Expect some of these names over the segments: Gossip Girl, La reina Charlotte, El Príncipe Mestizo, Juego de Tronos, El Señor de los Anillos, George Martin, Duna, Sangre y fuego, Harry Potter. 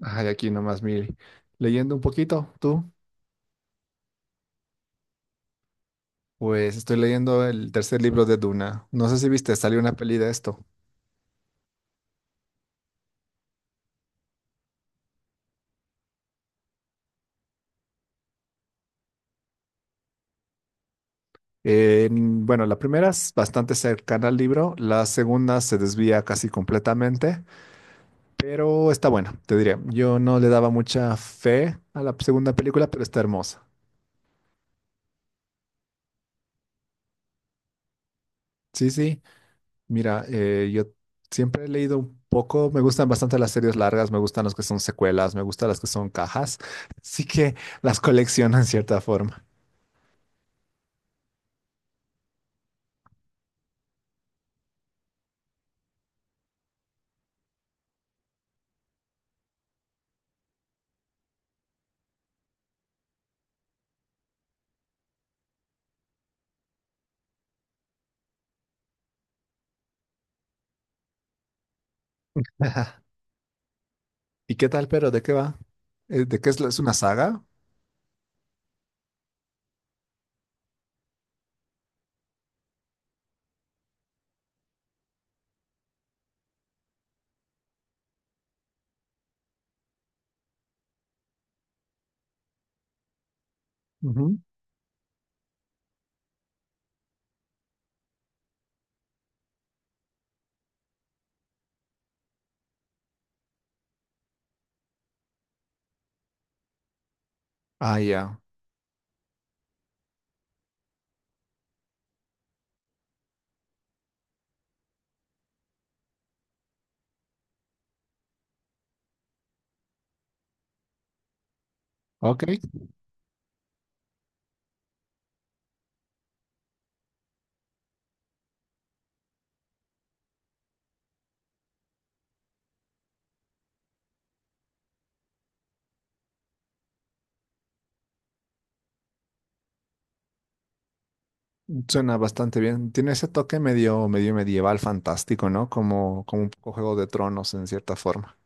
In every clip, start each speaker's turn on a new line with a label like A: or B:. A: Ay, aquí nomás, mire, leyendo un poquito, tú. Pues estoy leyendo el tercer libro de Duna. No sé si viste, salió una peli de esto. Bueno, la primera es bastante cercana al libro, la segunda se desvía casi completamente, pero está buena, te diré. Yo no le daba mucha fe a la segunda película, pero está hermosa. Sí, sí, mira, yo siempre he leído un poco, me gustan bastante las series largas, me gustan las que son secuelas, me gustan las que son cajas, así que las colecciono en cierta forma. ¿Y qué tal, pero de qué va? ¿De qué es, la- Es una saga? Ujú. Ah, ya. Ok, suena bastante bien. Tiene ese toque medio, medio medieval fantástico, ¿no? Como, como un poco Juego de Tronos en cierta forma.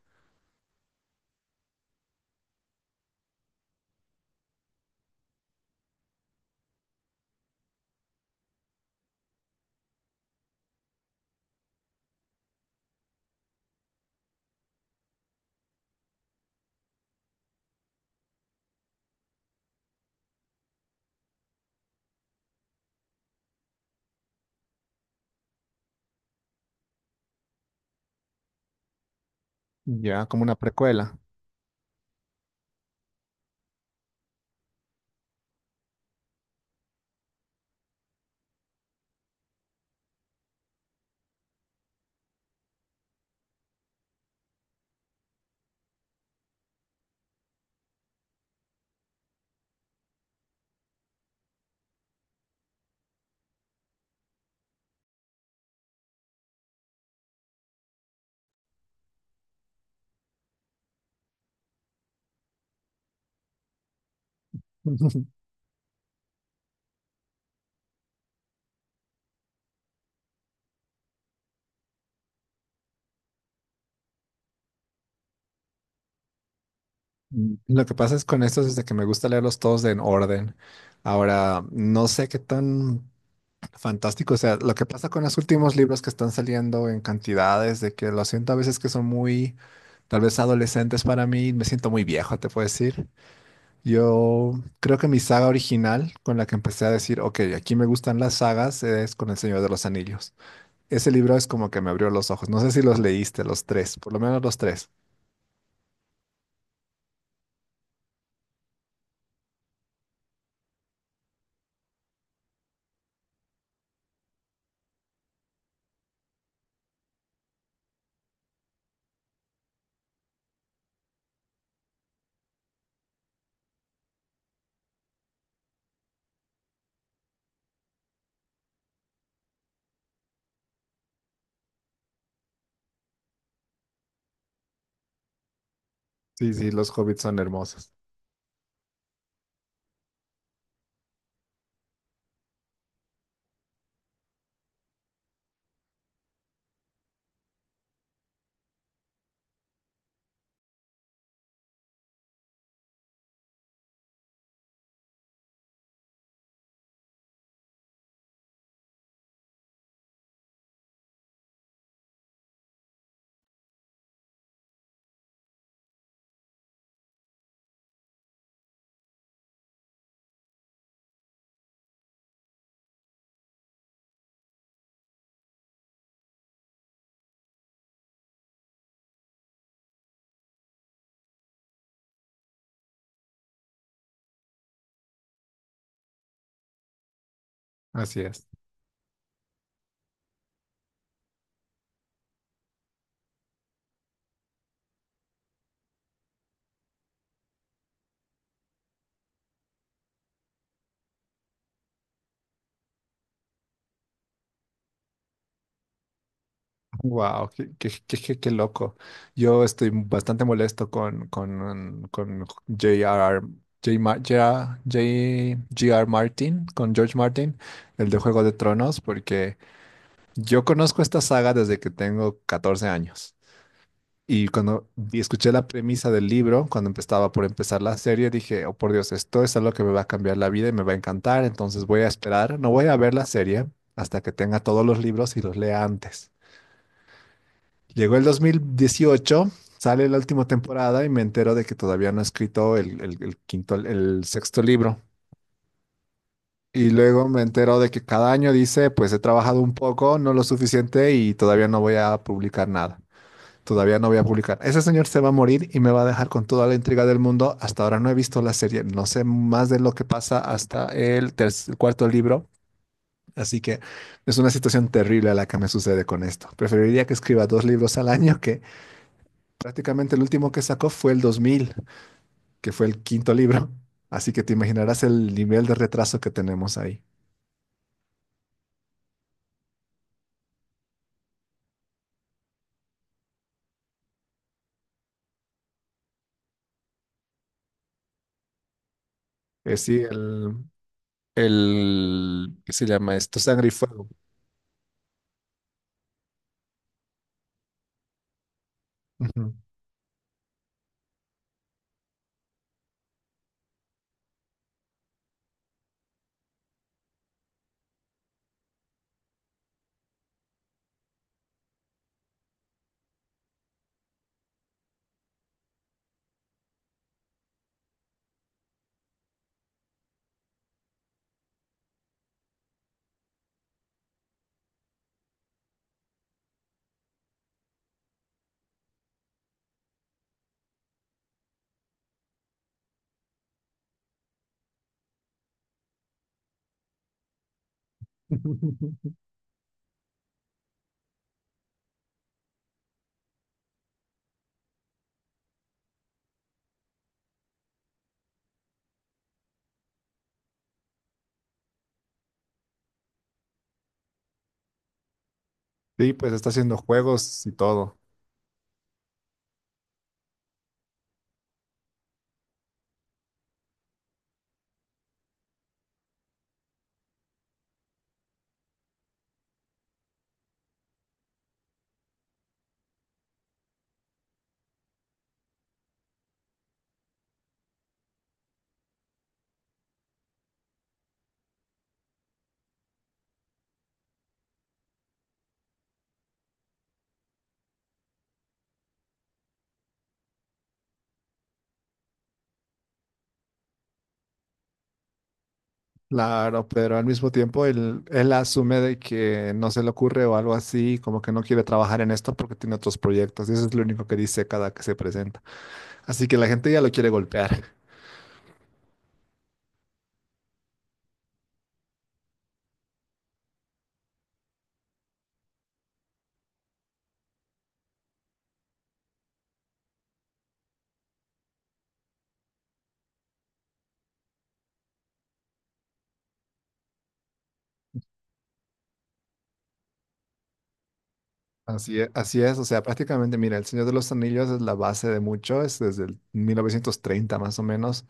A: Ya, como una precuela. Mm, lo que pasa es con estos es de que me gusta leerlos todos en orden. Ahora, no sé qué tan fantástico, o sea, lo que pasa con los últimos libros que están saliendo en cantidades, de que lo siento a veces que son muy, tal vez adolescentes para mí, me siento muy viejo, te puedo decir. Yo creo que mi saga original con la que empecé a decir, ok, aquí me gustan las sagas, es con El Señor de los Anillos. Ese libro es como que me abrió los ojos. No sé si los leíste, los tres, por lo menos los tres. Sí, sí, los hobbits son hermosos. Así es. Wow, qué loco. Yo estoy bastante molesto con J R J. Ma- J J. G R Martin, con George Martin, el de Juego de Tronos, porque yo conozco esta saga desde que tengo 14 años. Y cuando escuché la premisa del libro, cuando empezaba por empezar la serie, dije, oh por Dios, esto es algo que me va a cambiar la vida y me va a encantar, entonces voy a esperar, no voy a ver la serie hasta que tenga todos los libros y los lea antes. Llegó el 2018, sale la última temporada y me entero de que todavía no he escrito el quinto, el sexto libro. Y luego me entero de que cada año dice, pues he trabajado un poco, no lo suficiente y todavía no voy a publicar nada. Todavía no voy a publicar. Ese señor se va a morir y me va a dejar con toda la intriga del mundo. Hasta ahora no he visto la serie, no sé más de lo que pasa hasta el cuarto libro. Así que es una situación terrible a la que me sucede con esto. Preferiría que escriba dos libros al año, que prácticamente el último que sacó fue el 2000, que fue el quinto libro. Así que te imaginarás el nivel de retraso que tenemos ahí. Eh, sí, el, ¿Qué se llama esto? Sangre y fuego. Ujú. Sí, pues está haciendo juegos y todo. Claro, pero al mismo tiempo él asume de que no se le ocurre o algo así, como que no quiere trabajar en esto porque tiene otros proyectos. Y eso es lo único que dice cada que se presenta. Así que la gente ya lo quiere golpear. Así es, o sea, prácticamente, mira, El Señor de los Anillos es la base de mucho, es desde el 1930 más o menos,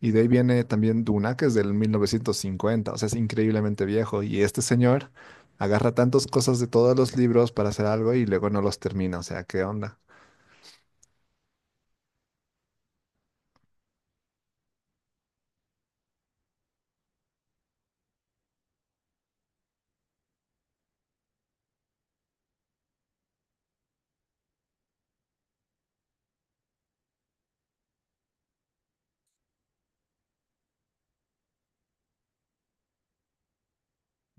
A: y de ahí viene también Duna, que es del 1950, o sea, es increíblemente viejo, y este señor agarra tantas cosas de todos los libros para hacer algo y luego no los termina, o sea, ¿qué onda?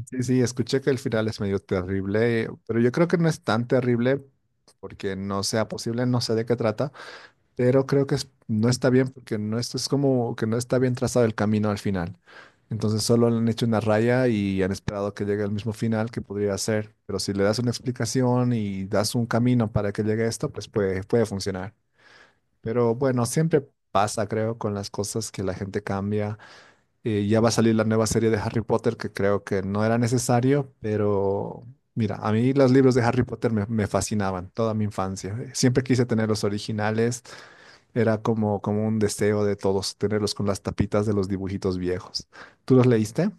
A: Sí, sí, escuché que el final es medio terrible, pero yo creo que no es tan terrible porque no sea posible, no sé de qué trata, pero creo que no está bien porque no es, es como que no está bien trazado el camino al final. Entonces solo le han hecho una raya y han esperado que llegue al mismo final que podría ser, pero si le das una explicación y das un camino para que llegue a esto, pues puede, puede funcionar. Pero bueno, siempre pasa, creo, con las cosas que la gente cambia. Ya va a salir la nueva serie de Harry Potter, que creo que no era necesario, pero mira, a mí los libros de Harry Potter me fascinaban toda mi infancia. Siempre quise tener los originales, era como, como un deseo de todos tenerlos con las tapitas de los dibujitos viejos. ¿Tú los leíste?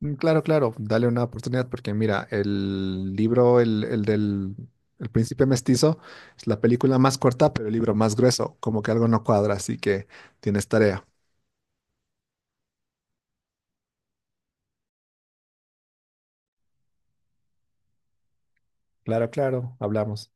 A: Mm, claro, claro, dale una oportunidad porque mira, el del El Príncipe Mestizo, es la película más corta, pero el libro más grueso, como que algo no cuadra, así que tienes tarea. Claro, claro, hablamos.